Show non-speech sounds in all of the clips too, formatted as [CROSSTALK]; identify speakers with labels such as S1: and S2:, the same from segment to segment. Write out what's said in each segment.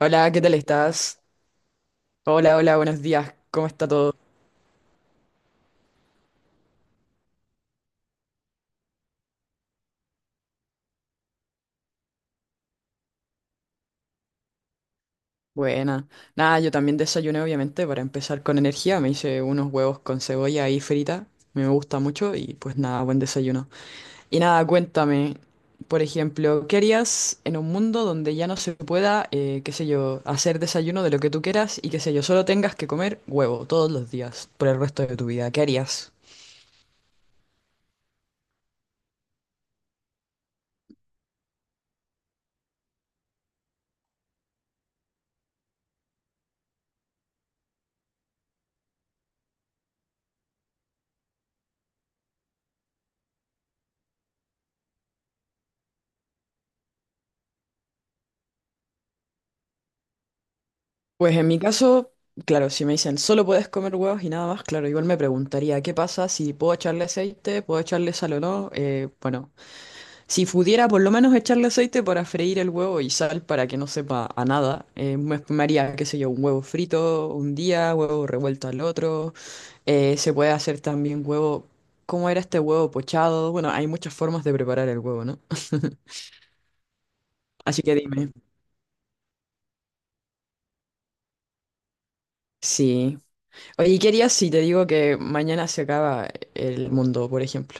S1: Hola, ¿qué tal estás? Hola, hola, buenos días. ¿Cómo está todo? Buena. Nada, yo también desayuné, obviamente, para empezar con energía. Me hice unos huevos con cebolla ahí frita. Me gusta mucho y pues nada, buen desayuno. Y nada, cuéntame, por ejemplo, ¿qué harías en un mundo donde ya no se pueda, qué sé yo, hacer desayuno de lo que tú quieras y qué sé yo, solo tengas que comer huevo todos los días por el resto de tu vida? ¿Qué harías? Pues en mi caso, claro, si me dicen solo puedes comer huevos y nada más, claro, igual me preguntaría qué pasa si puedo echarle aceite, puedo echarle sal o no. Bueno, si pudiera por lo menos echarle aceite para freír el huevo y sal para que no sepa a nada, me haría, qué sé yo, un huevo frito un día, huevo revuelto al otro. Se puede hacer también huevo, ¿cómo era este huevo pochado? Bueno, hay muchas formas de preparar el huevo, ¿no? Así que dime. Sí. Oye, ¿qué harías si te digo que mañana se acaba el mundo, por ejemplo?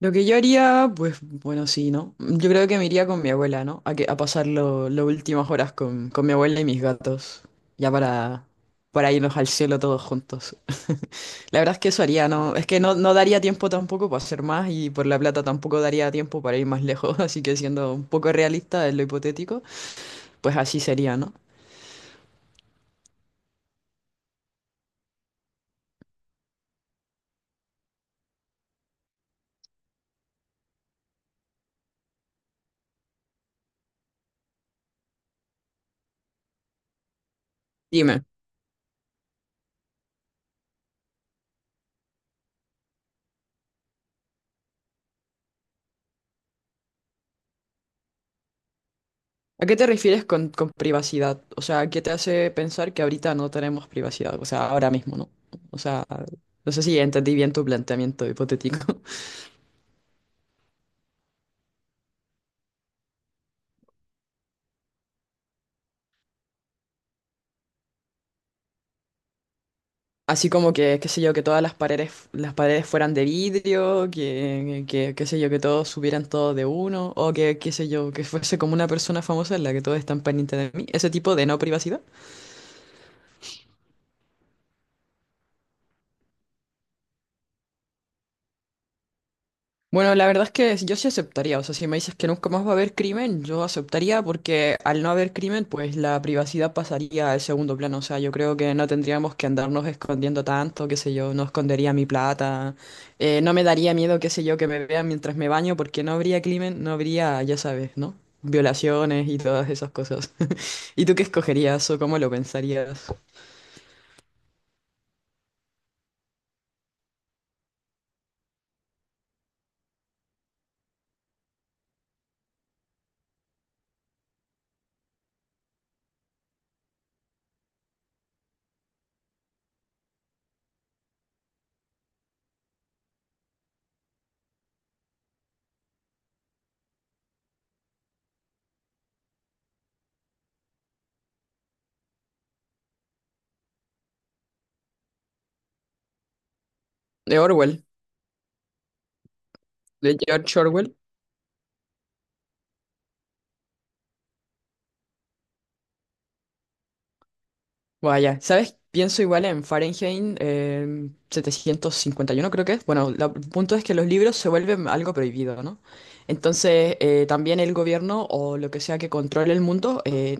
S1: Lo que yo haría, pues bueno, sí, ¿no? Yo creo que me iría con mi abuela, ¿no? A, que, a pasar las últimas horas con mi abuela y mis gatos, ya para, para irnos al cielo todos juntos. [LAUGHS] La verdad es que eso haría, ¿no? Es que no, no daría tiempo tampoco para hacer más y por la plata tampoco daría tiempo para ir más lejos, [LAUGHS] así que siendo un poco realista en lo hipotético, pues así sería, ¿no? Dime. ¿A qué te refieres con privacidad? O sea, ¿qué te hace pensar que ahorita no tenemos privacidad? O sea, ahora mismo, ¿no? O sea, no sé si entendí bien tu planteamiento hipotético. [LAUGHS] Así como que, qué sé yo, que todas las paredes fueran de vidrio, qué sé yo, que todos subieran todo de uno, o que, qué sé yo, que fuese como una persona famosa en la que todos están pendientes de mí. Ese tipo de no privacidad. Bueno, la verdad es que yo sí aceptaría, o sea, si me dices que nunca más va a haber crimen, yo aceptaría porque al no haber crimen, pues la privacidad pasaría al segundo plano, o sea, yo creo que no tendríamos que andarnos escondiendo tanto, qué sé yo, no escondería mi plata, no me daría miedo, qué sé yo, que me vean mientras me baño porque no habría crimen, no habría, ya sabes, ¿no? Violaciones y todas esas cosas. [LAUGHS] ¿Y tú qué escogerías o cómo lo pensarías? De Orwell, de George Orwell. Vaya, ¿sabes? Pienso igual en Fahrenheit 751 creo que es. Bueno, el punto es que los libros se vuelven algo prohibido, ¿no? Entonces, también el gobierno o lo que sea que controle el mundo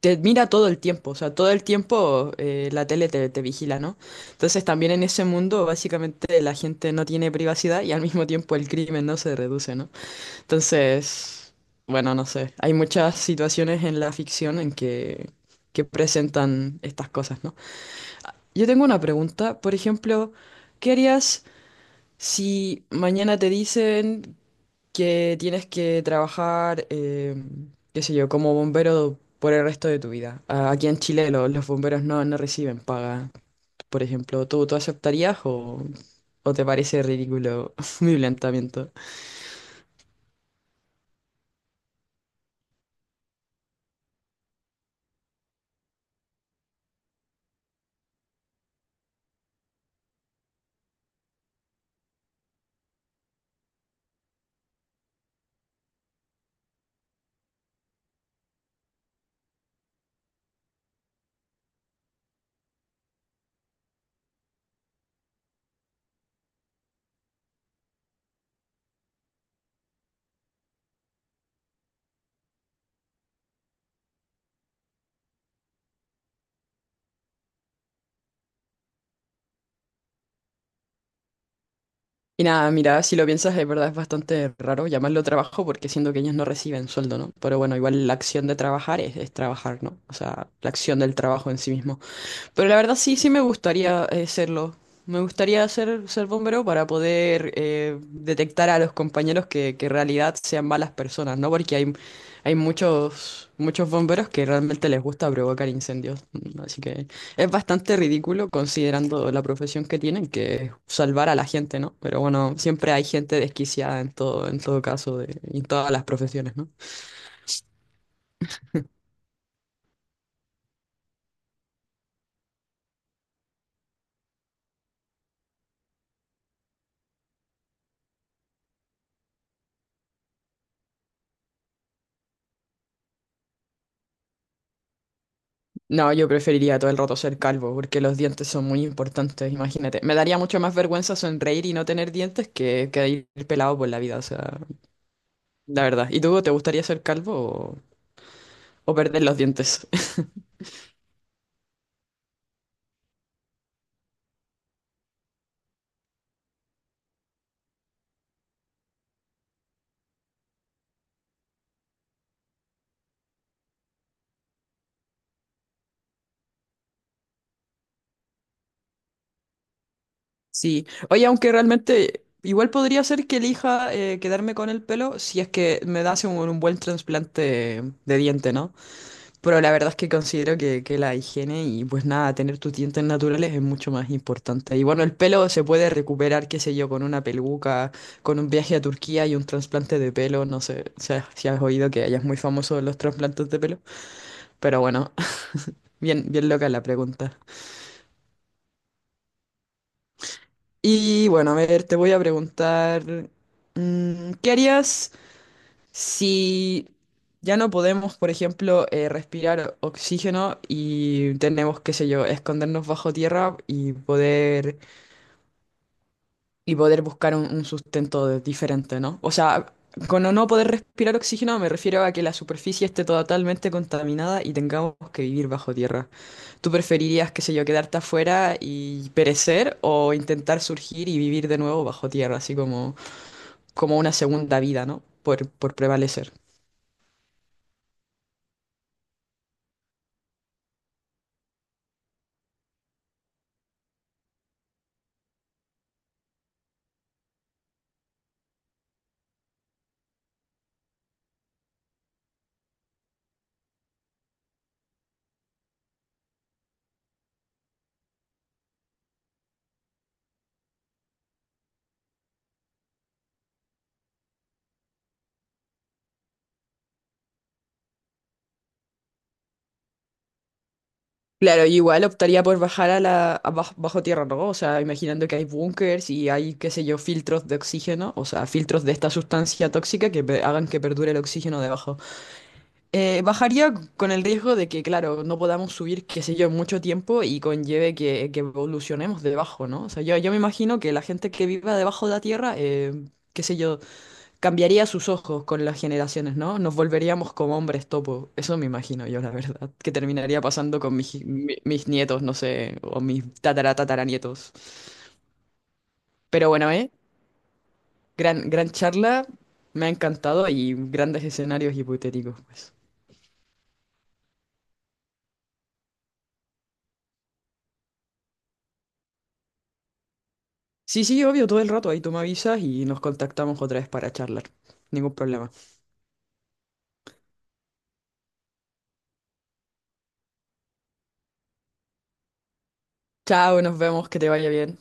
S1: te mira todo el tiempo, o sea, todo el tiempo te vigila, ¿no? Entonces, también en ese mundo, básicamente, la gente no tiene privacidad y al mismo tiempo el crimen no se reduce, ¿no? Entonces, bueno, no sé. Hay muchas situaciones en la ficción en que presentan estas cosas, ¿no? Yo tengo una pregunta, por ejemplo, ¿qué harías si mañana te dicen que tienes que trabajar, qué sé yo, como bombero por el resto de tu vida? Aquí en Chile los bomberos no, no reciben paga, por ejemplo, ¿tú aceptarías o te parece ridículo [LAUGHS] mi planteamiento? Y nada, mira, si lo piensas, es verdad, es bastante raro llamarlo trabajo porque siendo que ellos no reciben sueldo, ¿no? Pero bueno, igual la acción de trabajar es trabajar, ¿no? O sea, la acción del trabajo en sí mismo. Pero la verdad sí, sí me gustaría serlo. Me gustaría ser, ser bombero para poder detectar a los compañeros que en realidad sean malas personas, ¿no? Porque hay muchos, muchos bomberos que realmente les gusta provocar incendios. Así que es bastante ridículo considerando la profesión que tienen, que es salvar a la gente, ¿no? Pero bueno, siempre hay gente desquiciada en todo caso, en todas las profesiones, ¿no? No, yo preferiría todo el rato ser calvo porque los dientes son muy importantes, imagínate. Me daría mucho más vergüenza sonreír y no tener dientes que ir pelado por la vida, o sea, la verdad. ¿Y tú te gustaría ser calvo o perder los dientes? [LAUGHS] Sí. Oye, aunque realmente igual podría ser que elija quedarme con el pelo si es que me das un buen trasplante de diente, ¿no? Pero la verdad es que considero que la higiene y pues nada, tener tus dientes naturales es mucho más importante. Y bueno, el pelo se puede recuperar, qué sé yo, con una peluca, con un viaje a Turquía y un trasplante de pelo. No sé, o sea, si has oído que allá es muy famoso los trasplantes de pelo. Pero bueno, [LAUGHS] bien, bien loca la pregunta. Y bueno, a ver, te voy a preguntar, ¿qué harías si ya no podemos, por ejemplo, respirar oxígeno y tenemos, qué sé yo, escondernos bajo tierra y poder buscar un sustento diferente, ¿no? O sea, con no poder respirar oxígeno me refiero a que la superficie esté totalmente contaminada y tengamos que vivir bajo tierra. ¿Tú preferirías, qué sé yo, quedarte afuera y perecer o intentar surgir y vivir de nuevo bajo tierra, así como, como una segunda vida, ¿no? Por prevalecer. Claro, yo igual optaría por bajar a la a baj- bajo, tierra, ¿no? O sea, imaginando que hay búnkers y hay, qué sé yo, filtros de oxígeno, o sea, filtros de esta sustancia tóxica que hagan que perdure el oxígeno debajo. Bajaría con el riesgo de que, claro, no podamos subir, qué sé yo, mucho tiempo y conlleve que evolucionemos debajo, ¿no? O sea, yo me imagino que la gente que viva debajo de la tierra, qué sé yo, cambiaría sus ojos con las generaciones, ¿no? Nos volveríamos como hombres topo. Eso me imagino yo, la verdad. Que terminaría pasando con mis, mis nietos, no sé, o mis tatara tataranietos. Pero bueno, ¿eh? Gran, gran charla. Me ha encantado y grandes escenarios hipotéticos, pues. Sí, sí, obvio, todo el rato. Ahí tú me avisas y nos contactamos otra vez para charlar. Ningún problema. Chao, nos vemos, que te vaya bien.